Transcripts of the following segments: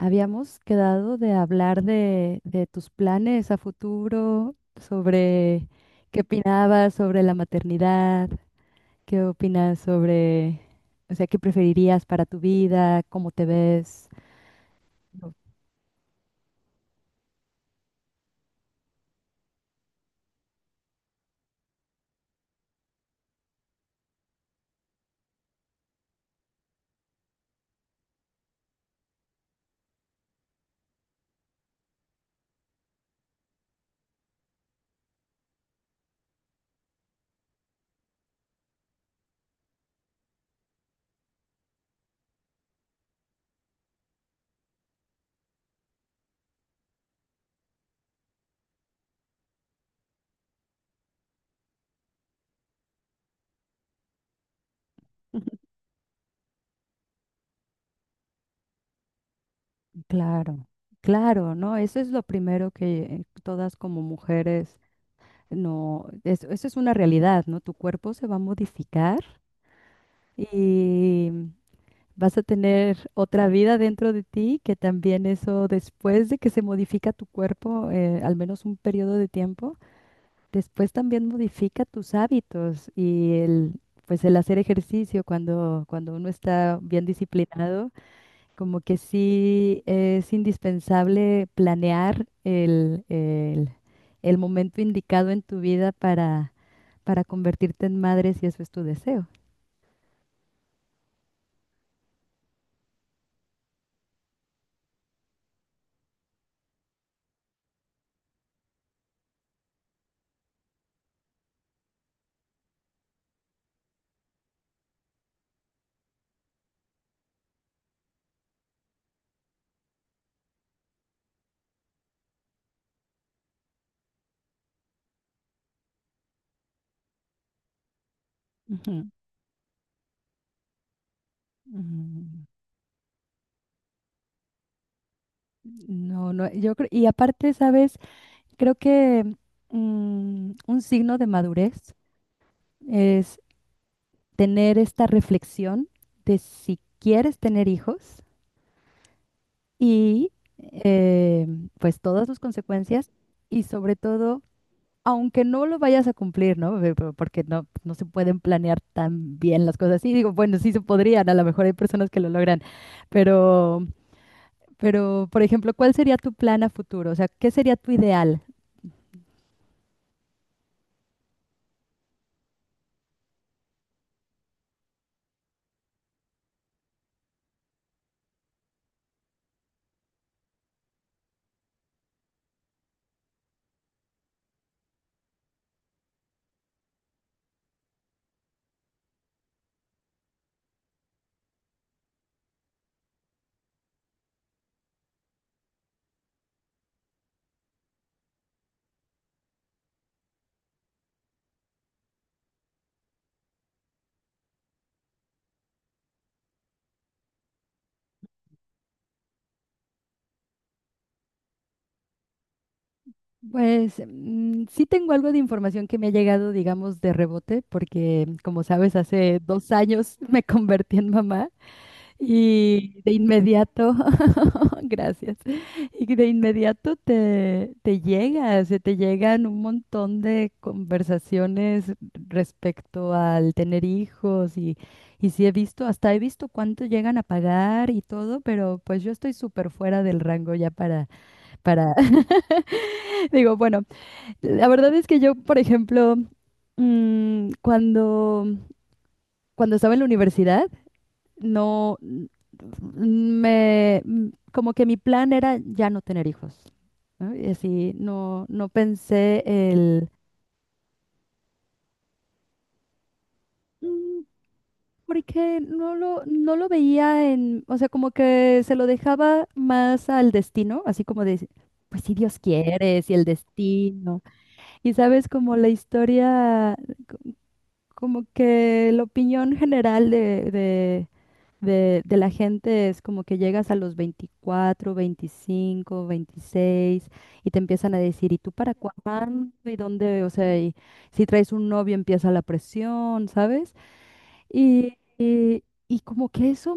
Habíamos quedado de hablar de tus planes a futuro, sobre qué opinabas sobre la maternidad, qué opinas sobre, o sea, qué preferirías para tu vida, cómo te ves. Lo- Claro, claro, ¿no? Eso es lo primero que todas como mujeres, no, eso es una realidad, ¿no? Tu cuerpo se va a modificar y vas a tener otra vida dentro de ti, que también eso después de que se modifica tu cuerpo, al menos un periodo de tiempo, después también modifica tus hábitos y pues el hacer ejercicio cuando uno está bien disciplinado, como que sí es indispensable planear el momento indicado en tu vida para convertirte en madre si eso es tu deseo. Ujú, ujú. No, no, yo creo, y aparte, ¿sabes? Creo que un signo de madurez es tener esta reflexión de si quieres tener hijos y eh, pues todas sus consecuencias y sobre todo, aunque no lo vayas a cumplir, ¿no? Porque no se pueden planear tan bien las cosas. Y digo, bueno, sí se podrían, a lo mejor hay personas que lo logran, pero, pero, por ejemplo, ¿cuál sería tu plan a futuro? O sea, ¿qué sería tu ideal? Pues sí tengo algo de información que me ha llegado, digamos, de rebote, porque como sabes, hace 2 años me convertí en mamá y de inmediato, gracias, y de inmediato te, llega, se te llegan un montón de conversaciones respecto al tener hijos y sí he visto, hasta he visto cuánto llegan a pagar y todo, pero pues yo estoy súper fuera del rango ya para, digo, bueno, la verdad es que yo, por ejemplo, mm, cuando, cuando estaba en la universidad, no, como que mi plan era ya no tener hijos, ¿no? Y así no, no pensé mm, porque no lo veía en, o sea, como que se lo dejaba más al destino, así como de pues si Dios quiere, si el destino. Y sabes, como la historia. Como que la opinión general de la gente es como que llegas a los 24, 25, 26 y te empiezan a decir, ¿y tú para cuándo? ¿Y dónde? O sea, y si traes un novio empieza la presión, ¿sabes? Y, y, y como que eso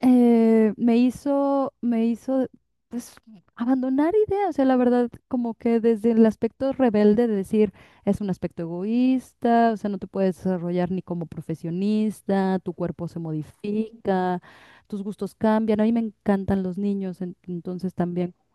me hizo, pues, abandonar ideas. O sea, la verdad, como que desde el aspecto rebelde de decir, es un aspecto egoísta, o sea, no te puedes desarrollar ni como profesionista, tu cuerpo se modifica, tus gustos cambian. A mí me encantan los niños, entonces también como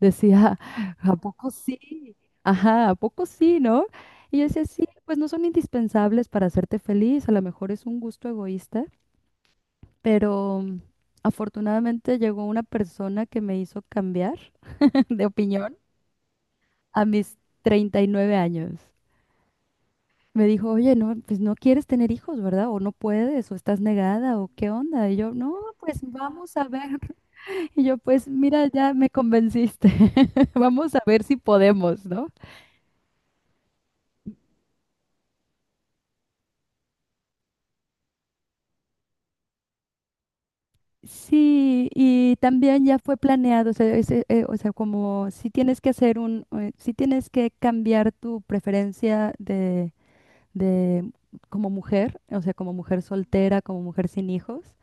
decía, ¿a poco sí? Ajá, ¿a poco sí, no? Y yo decía, sí, pues no son indispensables para hacerte feliz, a lo mejor es un gusto egoísta, pero afortunadamente llegó una persona que me hizo cambiar de opinión a mis 39 años. Me dijo, oye, no, pues no quieres tener hijos, ¿verdad? O no puedes, o estás negada, o qué onda. Y yo, no, pues vamos a ver. Y yo, pues mira, ya me convenciste. Vamos a ver si podemos, ¿no? Sí, y también ya fue planeado, o sea, o sea, como si tienes que hacer si tienes que cambiar tu preferencia de de como mujer, o sea, como mujer soltera, como mujer sin hijos,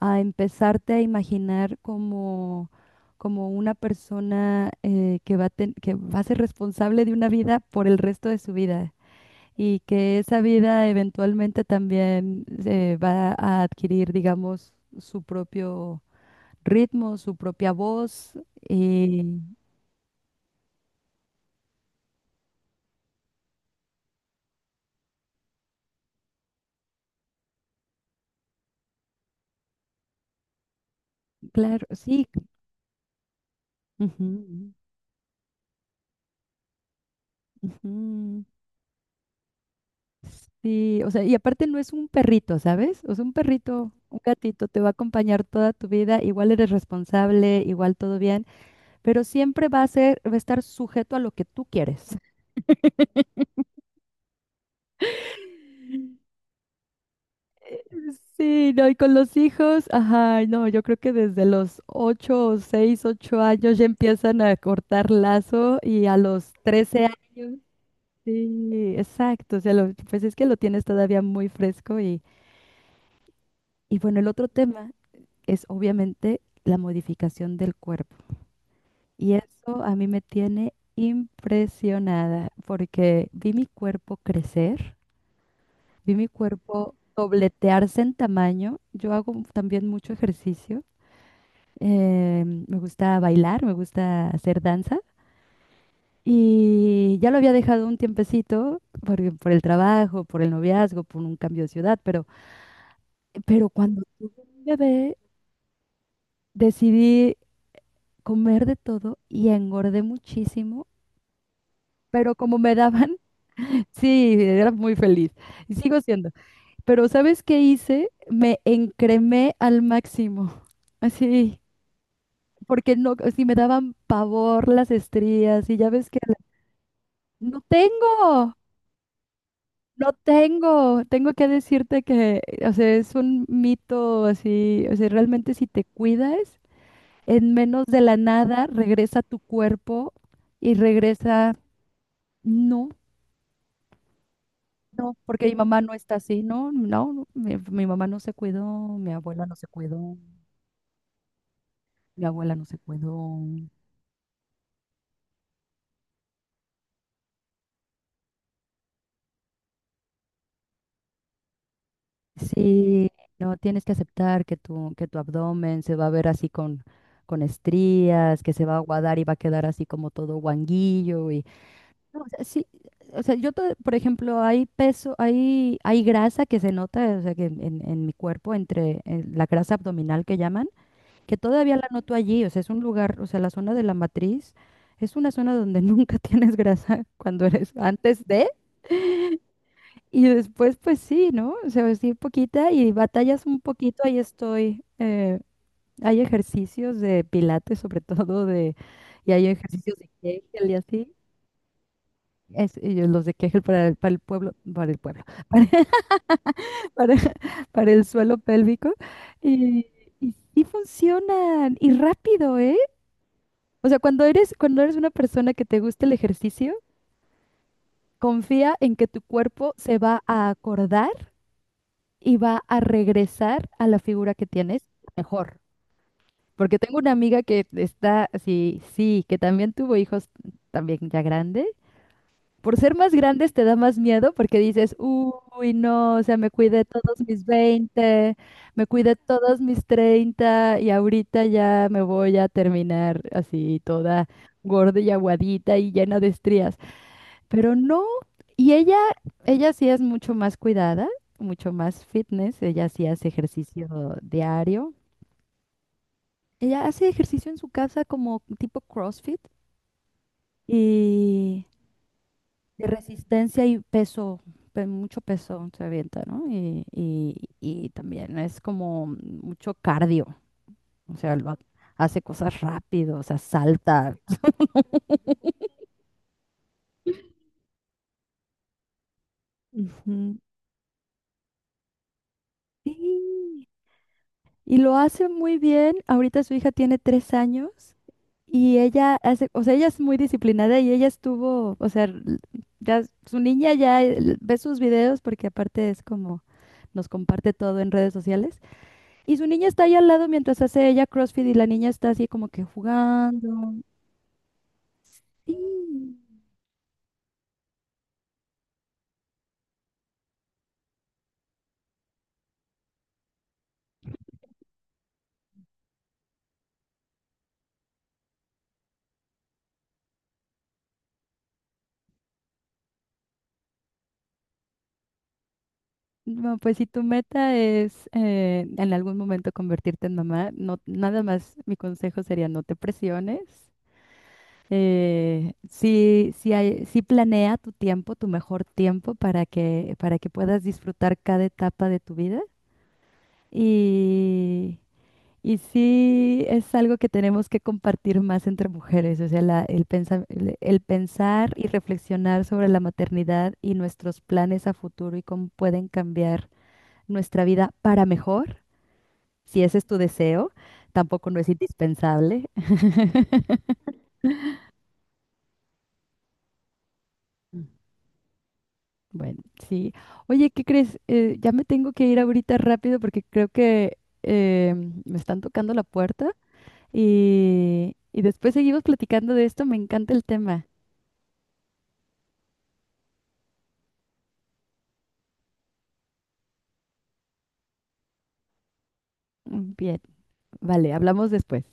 a empezarte a imaginar como una persona que que va a ser responsable de una vida por el resto de su vida y que esa vida eventualmente también va a adquirir, digamos, su propio ritmo, su propia voz. Y claro, sí. Ujú, ujú. Sí, o sea, y aparte no es un perrito, ¿sabes? O sea, un perrito, un gatito te va a acompañar toda tu vida, igual eres responsable, igual todo bien, pero siempre va a ser, va a estar sujeto a lo que tú quieres. Sí, no, y con los hijos, ajá, no, yo creo que desde los 8 o 6, 8 años ya empiezan a cortar lazo y a los 13 años, sí, exacto, o sea, pues es que lo tienes todavía muy fresco y bueno, el otro tema, es obviamente la modificación del cuerpo. Y eso a mí me tiene impresionada porque vi mi cuerpo crecer, vi mi cuerpo dobletearse en tamaño. Yo hago también mucho ejercicio. Me gusta bailar, me gusta hacer danza. Y ya lo había dejado un tiempecito por el trabajo, por el noviazgo, por un cambio de ciudad, pero cuando tuve mi bebé decidí comer de todo y engordé muchísimo pero como me daban, sí, era muy feliz y sigo siendo. Pero ¿sabes qué hice? Me encremé al máximo, así, porque no, si me daban pavor las estrías y ya ves que no tengo, no tengo, tengo que decirte que, o sea, es un mito así, o sea, realmente si te cuidas, en menos de la nada regresa tu cuerpo y regresa, no. No, porque mi mamá no está así, no, no, no, mi mamá no se cuidó, mi abuela no se cuidó, mi abuela no se cuidó. Sí, no, tienes que aceptar que que tu abdomen se va a ver así con estrías, que se va a aguadar y va a quedar así como todo guanguillo y no, o sea, sí, o sea, yo, por ejemplo, hay peso, hay grasa que se nota, o sea, que en, mi cuerpo, entre en la grasa abdominal que llaman, que todavía la noto allí, o sea, es un lugar, o sea, la zona de la matriz es una zona donde nunca tienes grasa cuando eres antes de y después pues sí, ¿no? O sea, sí poquita y batallas un poquito, ahí estoy. Hay ejercicios de pilates sobre todo de y hay ejercicios de Kegel y así. Es, y yo los de Kegel para el pueblo, para, para, para el suelo pélvico. Y, y sí funcionan, y rápido, ¿eh? O sea, cuando eres una persona que te gusta el ejercicio, confía en que tu cuerpo se va a acordar y va a regresar a la figura que tienes mejor. Porque tengo una amiga que está así, sí, que también tuvo hijos también ya grande. Por ser más grandes te da más miedo porque dices, uy, no, o sea, me cuidé todos mis 20, me cuidé todos mis 30 y ahorita ya me voy a terminar así toda gorda y aguadita y llena de estrías. Pero no, y ella sí es mucho más cuidada, mucho más fitness, ella sí hace ejercicio diario. Ella hace ejercicio en su casa como tipo CrossFit y de resistencia y peso, mucho peso se avienta, ¿no? Y también es como mucho cardio, o sea, hace cosas rápido, o sea, salta. Ujú. Sí, y lo hace muy bien. Ahorita su hija tiene 3 años y ella hace, o sea, ella es muy disciplinada y ella estuvo, o sea, ya su niña ya ve sus videos porque aparte es como nos comparte todo en redes sociales. Y su niña está ahí al lado mientras hace ella CrossFit y la niña está así como que jugando. Sí. No, pues si tu meta es en algún momento convertirte en mamá, no, nada más mi consejo sería no te presiones. Sí, sí planea tu tiempo, tu mejor tiempo para que, puedas disfrutar cada etapa de tu vida. Y, y sí es algo que tenemos que compartir más entre mujeres, o sea, el pensar, el pensar y reflexionar sobre la maternidad y nuestros planes a futuro y cómo pueden cambiar nuestra vida para mejor, si ese es tu deseo, tampoco no es indispensable. Bueno, sí. Oye, ¿qué crees? Ya me tengo que ir ahorita rápido porque creo que me están tocando la puerta y después seguimos platicando de esto. Me encanta el tema. Bien, vale, hablamos después.